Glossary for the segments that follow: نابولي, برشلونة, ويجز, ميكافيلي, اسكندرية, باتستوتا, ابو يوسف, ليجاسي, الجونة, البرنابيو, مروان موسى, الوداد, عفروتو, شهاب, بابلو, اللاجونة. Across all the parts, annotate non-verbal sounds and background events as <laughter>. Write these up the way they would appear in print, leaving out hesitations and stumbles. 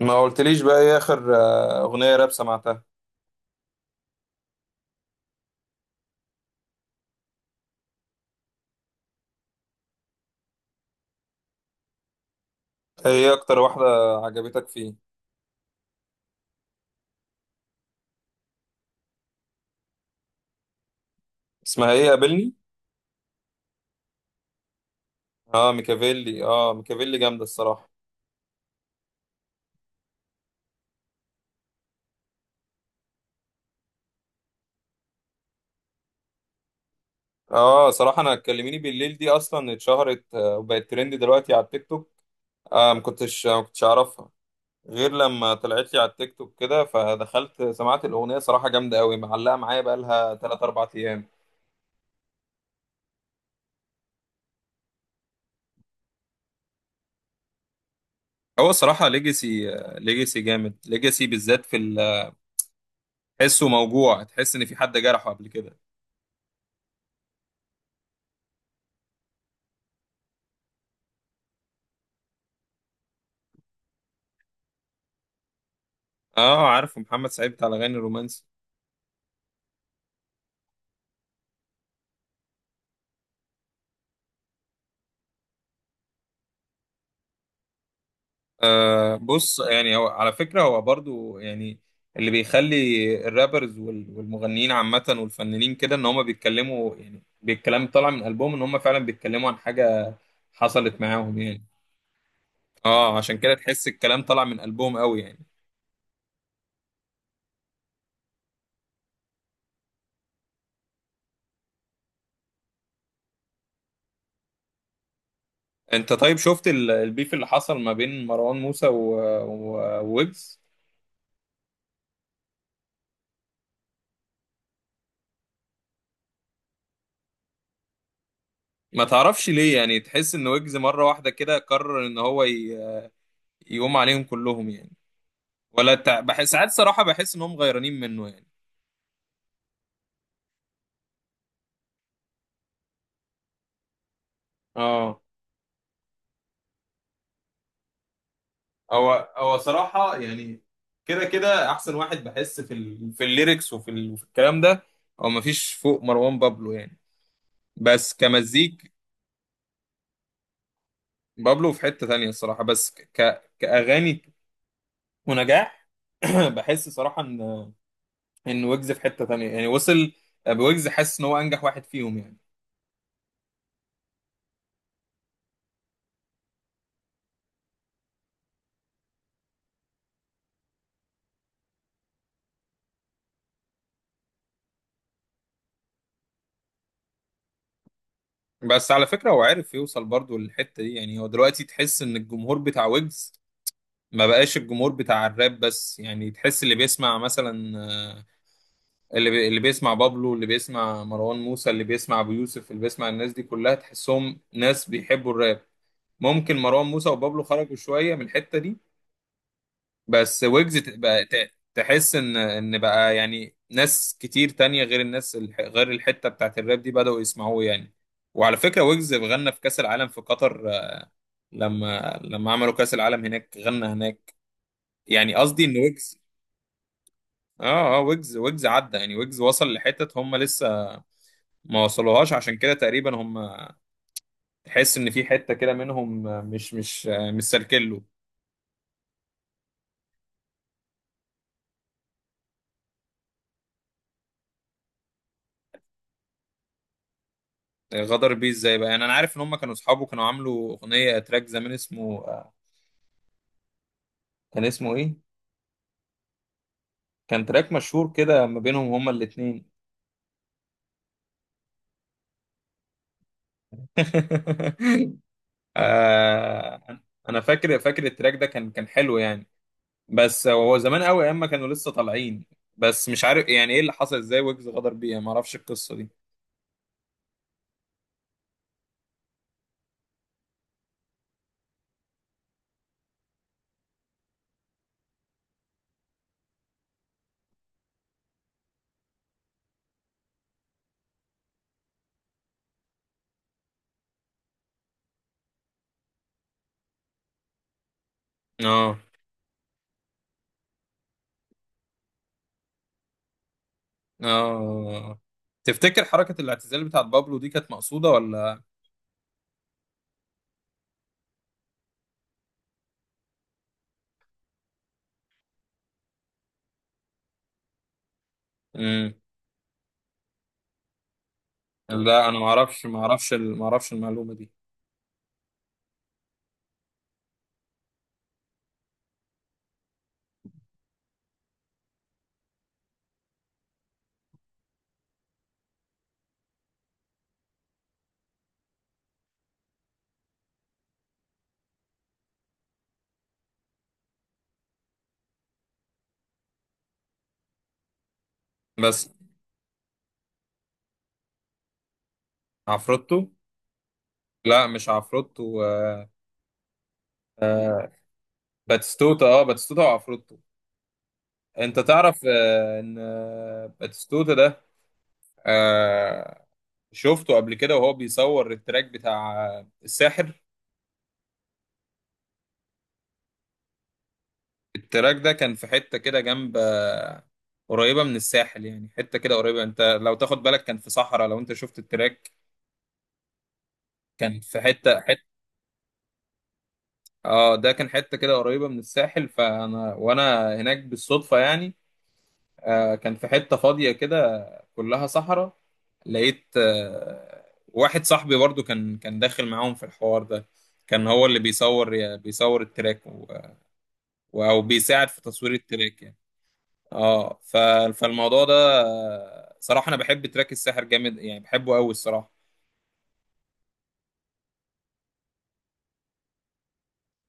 ما قلتليش بقى ايه اخر اغنية راب سمعتها. ايه اكتر واحدة عجبتك فيه؟ اسمها ايه؟ قابلني. اه ميكافيلي، اه ميكافيلي جامدة الصراحة. اه صراحة انا اتكلميني بالليل دي اصلا اتشهرت وبقت ترند دلوقتي على التيك توك. آه ما كنتش اعرفها غير لما طلعت لي على التيك توك كده، فدخلت سمعت الاغنية صراحة جامدة قوي، معلقة معايا بقى لها 3 4 ايام. هو الصراحة ليجاسي، ليجاسي جامد، ليجاسي بالذات في تحسه موجوع، تحس ان في حد جرحه قبل كده. اه عارف محمد سعيد بتاع الاغاني الرومانسي. آه بص يعني هو على فكره هو برضو يعني. اللي بيخلي الرابرز والمغنيين عامه والفنانين كده ان هم بيتكلموا يعني بالكلام طالع من قلبهم، ان هم فعلا بيتكلموا عن حاجه حصلت معاهم يعني. اه عشان كده تحس الكلام طالع من قلبهم قوي يعني. انت طيب شفت البيف اللي حصل ما بين مروان موسى وويجز. ما تعرفش ليه يعني تحس ان ويجز مره واحده كده قرر ان يقوم عليهم كلهم يعني؟ ولا بحس ساعات صراحة بحس إنهم غيرانين منه يعني. اه هو صراحة يعني كده كده أحسن واحد، بحس في في الليركس وفي وفي الكلام ده هو مفيش فوق مروان بابلو يعني، بس كمزيك. بابلو في حتة تانية الصراحة، بس كأغاني ونجاح. <clears throat> بحس صراحة إن ويجز في حتة تانية يعني وصل. بويجز حاسس إن هو أنجح واحد فيهم يعني. بس على فكرة هو عارف يوصل برضو للحتة دي يعني. هو دلوقتي تحس إن الجمهور بتاع ويجز ما بقاش الجمهور بتاع الراب بس يعني، تحس اللي بيسمع مثلا اللي بيسمع بابلو اللي بيسمع مروان موسى اللي بيسمع ابو يوسف اللي بيسمع الناس دي كلها تحسهم ناس بيحبوا الراب. ممكن مروان موسى وبابلو خرجوا شوية من الحتة دي، بس ويجز تحس ان بقى يعني ناس كتير تانية غير غير الحتة بتاعت الراب دي بدأوا يسمعوه يعني. وعلى فكرة ويجز غنى في كأس العالم في قطر، لما عملوا كأس العالم هناك غنى هناك. يعني قصدي ان ويجز، اه، اه، ويجز عدى يعني، ويجز وصل لحتت هم لسه ما وصلوهاش. عشان كده تقريبا هم تحس ان في حتة كده منهم مش سالكله. غدر بيه ازاي بقى يعني؟ انا عارف ان هم كانوا اصحابه، كانوا عاملوا اغنية تراك زمان اسمه، كان اسمه ايه؟ كان تراك مشهور كده ما بينهم هما الاتنين. <laughs> آه، انا فاكر التراك ده كان حلو يعني، بس هو زمان قوي ايام ما كانوا لسه طالعين. بس مش عارف يعني ايه اللي حصل، ازاي ويجز غدر بيه يعني؟ ما اعرفش القصة دي. اه، اه، تفتكر حركة الاعتزال بتاعت بابلو دي كانت مقصودة ولا؟ مم. لا انا ما اعرفش المعلومة دي. بس عفروتو. لا مش عفروتو، باتستوتا، اه باتستوتا وعفروتو. انت تعرف ان باتستوتا ده، آه، شفته قبل كده وهو بيصور التراك بتاع الساحر؟ التراك ده كان في حتة كده جنب قريبة من الساحل يعني، حتة كده قريبة، انت لو تاخد بالك كان في صحراء لو انت شفت التراك. كان في حته، اه ده كان حته كده قريبه من الساحل، فانا وانا هناك بالصدفه يعني. آه كان في حته فاضيه كده كلها صحراء. لقيت آه واحد صاحبي برضو كان داخل معاهم في الحوار ده، كان هو اللي بيصور التراك او بيساعد في تصوير التراك يعني. اه فالموضوع ده، صراحه انا بحب تراك الساحر جامد يعني، بحبه قوي الصراحه.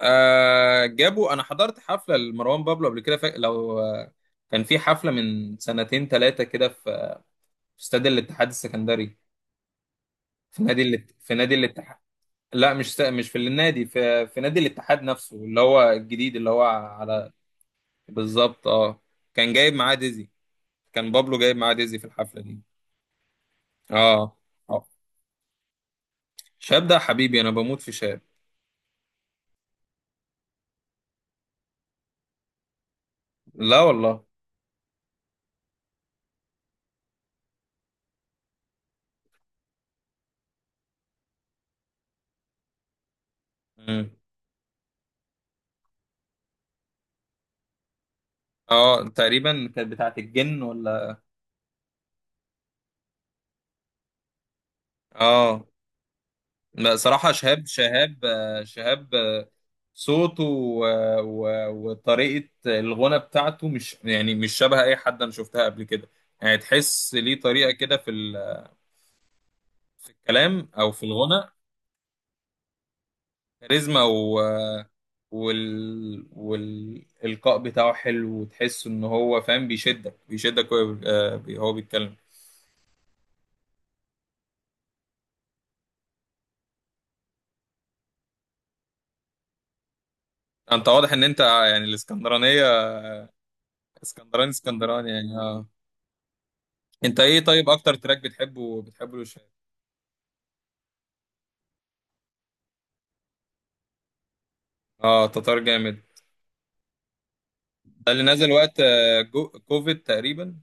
آه جابوا، انا حضرت حفله لمروان بابلو قبل كده، لو كان في حفله من سنتين ثلاثه كده في استاد الاتحاد السكندري، في في نادي الاتحاد. لا مش في النادي، في نادي الاتحاد نفسه اللي هو الجديد اللي هو على. بالظبط اه، كان جايب معاه ديزي، كان بابلو جايب معاه ديزي في الحفله دي. اه، اه، شاب ده حبيبي، انا بموت في شاب. لا والله. مم. اه تقريبا كانت بتاعت الجن ولا؟ اه. لا، صراحة شهاب شهاب صوته وطريقة الغنى بتاعته مش يعني مش شبه أي حد أنا شفتها قبل كده. يعني تحس ليه طريقة كده في في الكلام أو في الغنى. كاريزما و وال والإلقاء بتاعه حلو، وتحس إن هو فاهم، بيشدك وهو هو بيتكلم. أنت واضح إن أنت يعني الإسكندرانية، اسكندراني، اسكندراني يعني آه. أنت إيه طيب أكتر تراك بتحبه لشهاب؟ آه تتار جامد. ده اللي نزل وقت كوفيد تقريبا.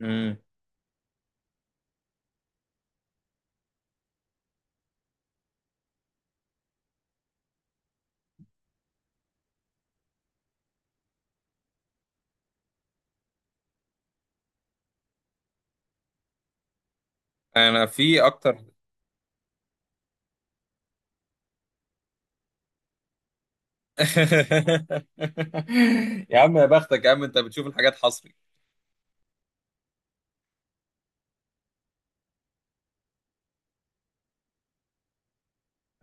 امم. انا في اكتر. <laughs> يا عم يا بختك، يا عم انت بتشوف الحاجات حصري.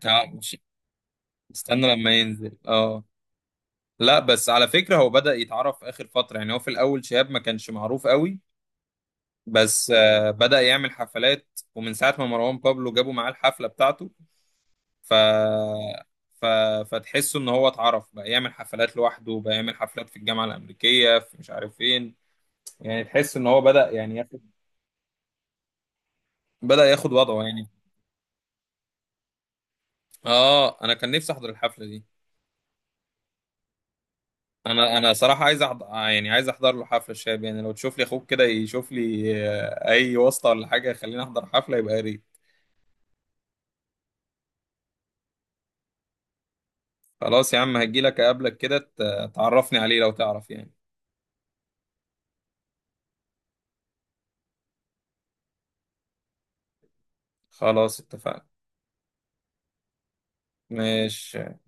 اه مش، استنى لما ينزل. اه لا، بس على فكرة هو بدأ يتعرف آخر فترة يعني. هو في الأول شهاب ما كانش معروف قوي، بس بدأ يعمل حفلات. ومن ساعة ما مروان بابلو جابوا معاه الحفلة بتاعته ف... ف... فتحسه إن هو اتعرف، بقى يعمل حفلات لوحده، بقى يعمل حفلات في الجامعة الأمريكية، في مش عارف فين. يعني تحس ان هو بدأ يعني ياخد، بدأ ياخد وضعه يعني. اه، انا كان نفسي احضر الحفلة دي. انا صراحة عايز احضر يعني، عايز احضر له حفلة الشاب يعني. لو تشوف لي اخوك كده، يشوف لي اي واسطة ولا حاجة يخليني احضر حفلة، يبقى يا ريت. خلاص يا عم هجيلك اقابلك كده، تعرفني عليه لو تعرف يعني. خلاص اتفقنا. ماشي.